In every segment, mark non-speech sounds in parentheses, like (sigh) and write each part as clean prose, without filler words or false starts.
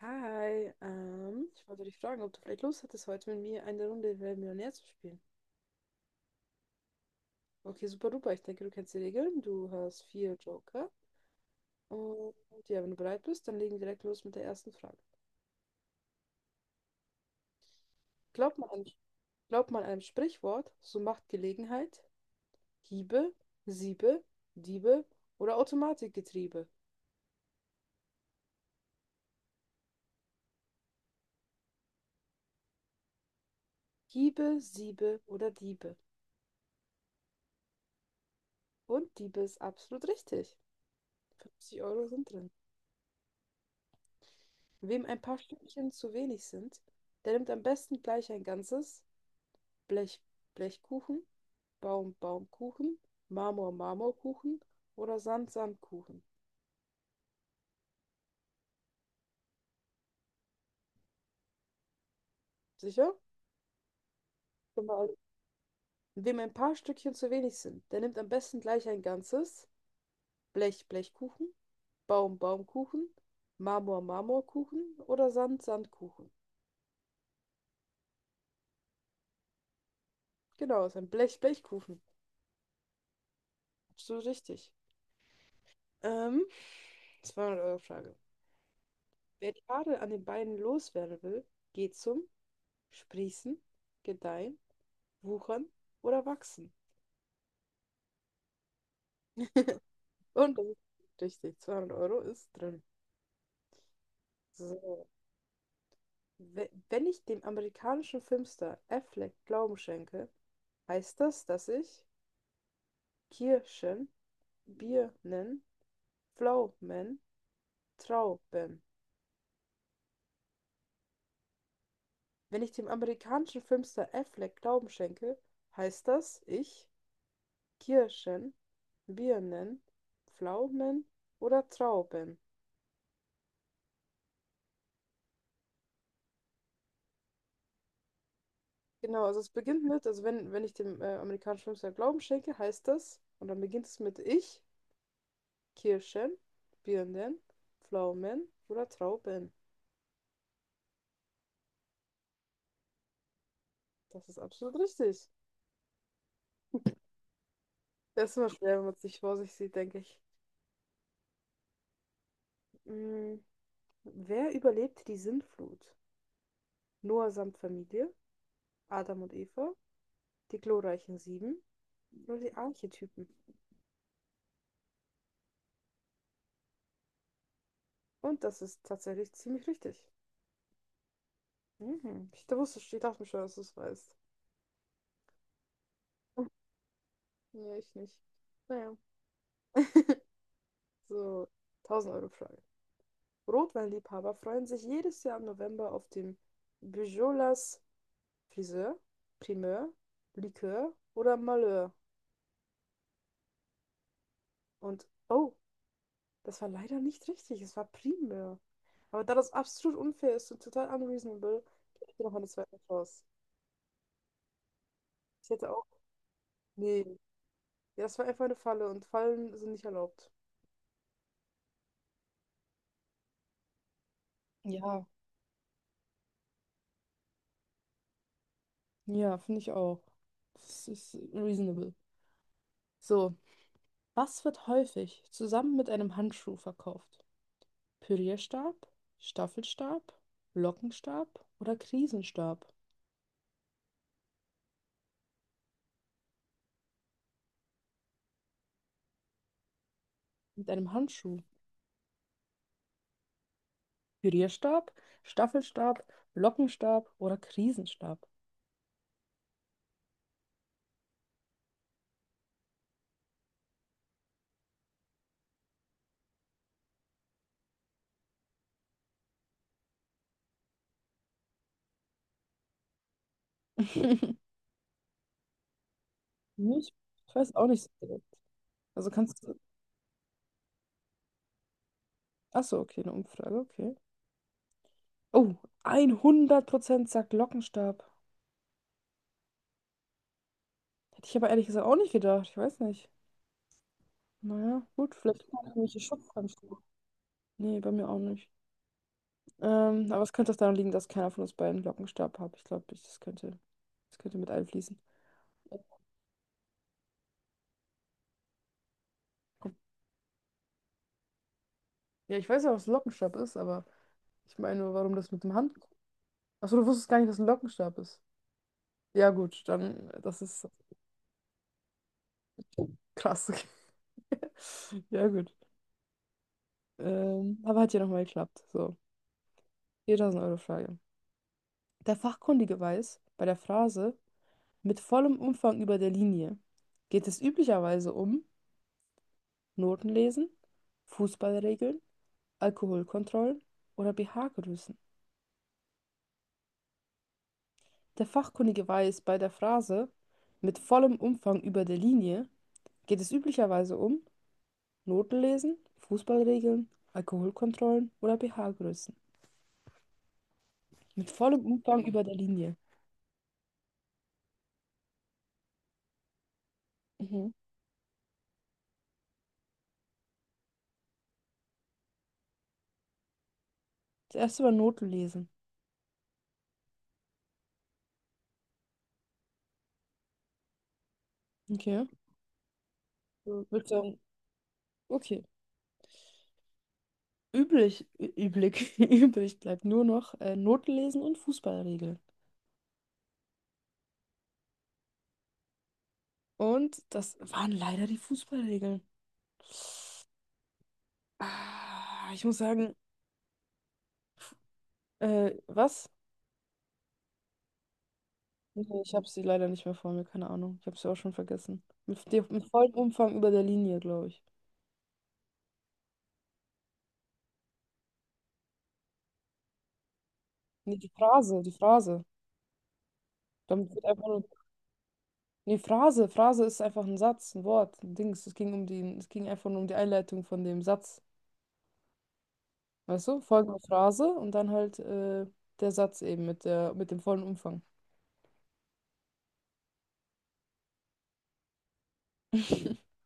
Hi, ich wollte dich fragen, ob du vielleicht Lust hättest, heute mit mir eine Runde Wer wird Millionär zu spielen. Okay, super duper. Ich denke, du kennst die Regeln. Du hast vier Joker. Und ja, wenn du bereit bist, dann legen wir direkt los mit der ersten Frage. Glaubt man einem, Glaubt man einem Sprichwort, so macht Gelegenheit Hiebe, Siebe, Diebe oder Automatikgetriebe. Hiebe, Siebe oder Diebe. Und Diebe ist absolut richtig. 50 Euro sind drin. Wem ein paar Stückchen zu wenig sind, der nimmt am besten gleich ein ganzes Blech Blechkuchen, Baumkuchen, Marmorkuchen oder Sandkuchen. Sicher? Schon mal- Wem ein paar Stückchen zu wenig sind, der nimmt am besten gleich ein ganzes Blechkuchen, Baumkuchen, Marmorkuchen oder Sandkuchen. Genau, ist ein Blechkuchen. Absolut richtig. Ähm, 200-Euro-Frage. Wer die Nadel an den Beinen loswerden will, geht zum sprießen, gedeihen, wuchern oder wachsen. Und das ist richtig, 200 Euro ist drin. So. Wenn ich dem amerikanischen Filmstar Affleck Glauben schenke, heißt das, dass ich Kirschen, Birnen, Pflaumen, Trauben. Wenn ich dem amerikanischen Filmstar Affleck Glauben schenke, heißt das, ich Kirschen, Birnen, Pflaumen oder Trauben. Genau, also es beginnt mit, also wenn ich dem amerikanischen Filmstar Glauben schenke, heißt das, und dann beginnt es mit ich, Kirschen, Birnen, Pflaumen oder Trauben. Das ist absolut richtig. Das ist immer schwer, wenn man es nicht vor sich sieht, denke ich. Mm, wer überlebt die Sintflut? Noah samt Familie, Adam und Eva, die glorreichen Sieben oder die Archetypen? Und das ist tatsächlich ziemlich richtig. Mhm. Ich wusste, ich dachte mir schon, dass du es weißt. (laughs) Nee, ich nicht. Naja. So, 1000 Euro Frage. Rotweinliebhaber freuen sich jedes Jahr im November auf dem Bujolas Friseur, Primeur, Likör oder Malheur. Und, oh, das war leider nicht richtig, es war Primeur. Aber da das absolut unfair ist und total unreasonable, gebe ich dir noch eine zweite Chance. Ich hätte auch. Nee, ja, das war einfach eine Falle und Fallen sind nicht erlaubt. Ja, ja, finde ich auch. Das ist reasonable. So, was wird häufig zusammen mit einem Handschuh verkauft? Pürierstab, Staffelstab, Lockenstab oder Krisenstab mit einem Handschuh. Pürierstab, Staffelstab, Lockenstab oder Krisenstab. (laughs) Ich weiß auch nicht so direkt. Also kannst du. Achso, okay, eine Umfrage, okay. Oh, 100% sagt Lockenstab. Hätte ich aber ehrlich gesagt auch nicht gedacht. Ich weiß nicht. Naja, gut, vielleicht kann ich irgendwelche Schutzhandschuhe. Nee, bei mir auch nicht. Aber es könnte auch daran liegen, dass keiner von uns beiden Lockenstab hat. Ich glaube, das das könnte mit einfließen. Ja, ich weiß ja, was ein Lockenstab ist, aber ich meine, warum das mit dem Hand. Achso, du wusstest gar nicht, was ein Lockenstab ist. Ja, gut, dann, das ist krass. (laughs) Ja, gut. Aber hat ja nochmal geklappt. So, 4000 Euro Frage. Der Fachkundige weiß, bei der Phrase mit vollem Umfang über der Linie geht es üblicherweise um Notenlesen, Fußballregeln, Alkoholkontrollen oder pH-Größen. Der Fachkundige weiß, bei der Phrase mit vollem Umfang über der Linie geht es üblicherweise um Notenlesen, Fußballregeln, Alkoholkontrollen oder pH-Größen. Mit vollem Umfang über der Linie. Mhm. Das erste war Notenlesen. Okay. So, würde sagen, okay. Üblich, üblich, (laughs) übrig bleibt nur noch Notenlesen und Fußballregeln. Und das waren leider die Fußballregeln. Ah, ich muss sagen, was? Nee, ich habe sie leider nicht mehr vor mir, keine Ahnung. Ich habe sie auch schon vergessen. Mit vollem Umfang über der Linie, glaube ich. Nee, die Phrase. Damit wird einfach nur. Nee, Phrase ist einfach ein Satz, ein Wort, ein Dings. Es ging um es ging einfach nur um die Einleitung von dem Satz. Weißt du? Folgende Phrase und dann halt der Satz eben mit mit dem vollen Umfang. (laughs)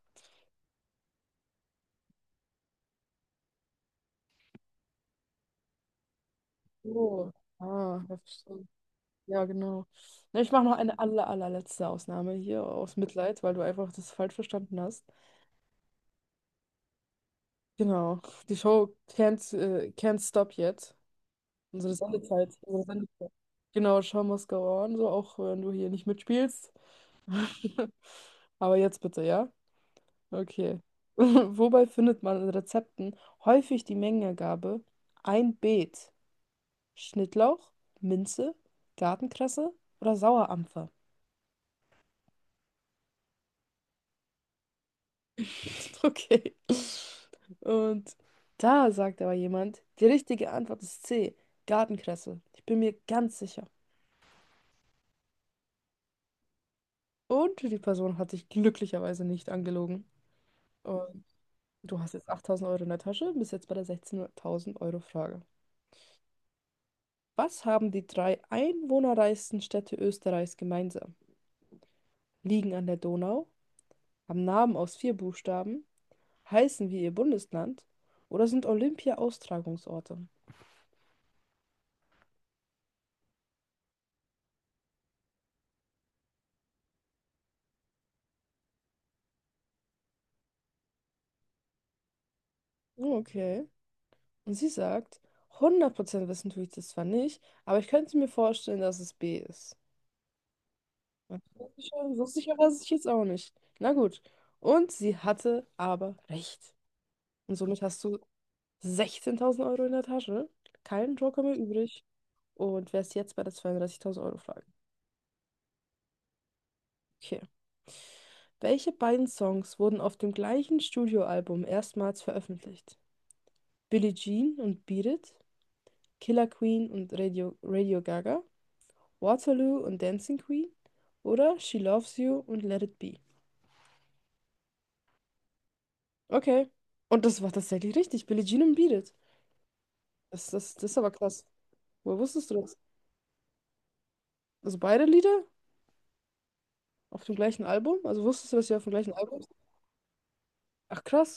Oh. Ah, ja, verstehe. Ja, genau. Na, ich mache noch eine allerletzte Ausnahme hier aus Mitleid, weil du einfach das falsch verstanden hast. Genau. Die Show Can't Stop Yet. Unsere Sendezeit. Genau, Show must go on, so auch wenn du hier nicht mitspielst. (laughs) Aber jetzt bitte, ja? Okay. (laughs) Wobei findet man in Rezepten häufig die Mengenangabe ein Beet, Schnittlauch, Minze, Gartenkresse oder Sauerampfer? (laughs) Okay. Und da sagt aber jemand, die richtige Antwort ist C, Gartenkresse. Ich bin mir ganz sicher. Und die Person hat dich glücklicherweise nicht angelogen. Und du hast jetzt 8000 Euro in der Tasche, bist jetzt bei der 16.000 Euro Frage. Was haben die drei einwohnerreichsten Städte Österreichs gemeinsam? Liegen an der Donau, haben Namen aus vier Buchstaben, heißen wie ihr Bundesland oder sind Olympia-Austragungsorte? Okay. Und sie sagt, 100% wissen tue ich das zwar nicht, aber ich könnte mir vorstellen, dass es B ist. Wusste ich aber sich jetzt auch nicht. Na gut. Und sie hatte aber recht. Und somit hast du 16.000 Euro in der Tasche, keinen Joker mehr übrig und wärst jetzt bei der 32.000 Euro Frage. Okay. Welche beiden Songs wurden auf dem gleichen Studioalbum erstmals veröffentlicht? Billie Jean und Beat It, Killer Queen und Radio Gaga, Waterloo und Dancing Queen oder She Loves You und Let It Be? Okay. Und das war tatsächlich richtig. Billie Jean und Beat It. Das ist aber krass. Woher wusstest du das? Also beide Lieder auf dem gleichen Album? Also wusstest du, dass sie auf dem gleichen Album sind? Ach krass.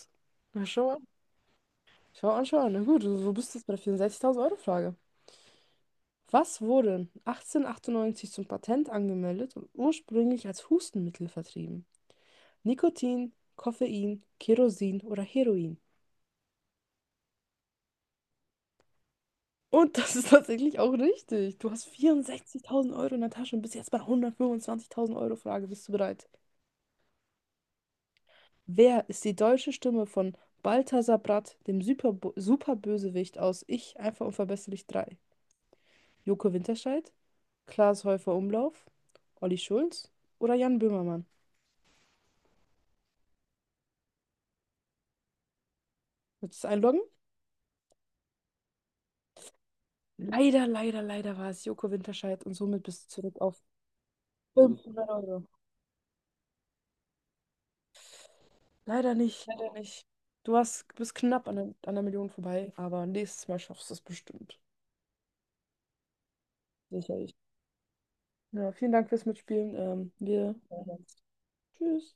Na schau an. Schau an, schau an. Na gut, so bist jetzt bei der 64.000 Euro Frage. Was wurde 1898 zum Patent angemeldet und ursprünglich als Hustenmittel vertrieben? Nikotin, Koffein, Kerosin oder Heroin? Und das ist tatsächlich auch richtig. Du hast 64.000 Euro in der Tasche und bist jetzt bei 125.000 Euro Frage. Bist du bereit? Wer ist die deutsche Stimme von Balthasar Bratt, dem Superbösewicht aus Ich, einfach unverbesserlich 3? Joko Winterscheidt, Klaas Häufer-Umlauf, Olli Schulz oder Jan Böhmermann? Willst du es einloggen? Leider war es Joko Winterscheidt und somit bist du zurück auf 500 Euro. Leider nicht, leider nicht. Bist knapp an an der Million vorbei, aber nächstes Mal schaffst du es bestimmt. Sicherlich. Ja, vielen Dank fürs Mitspielen. Wir hören uns. Tschüss.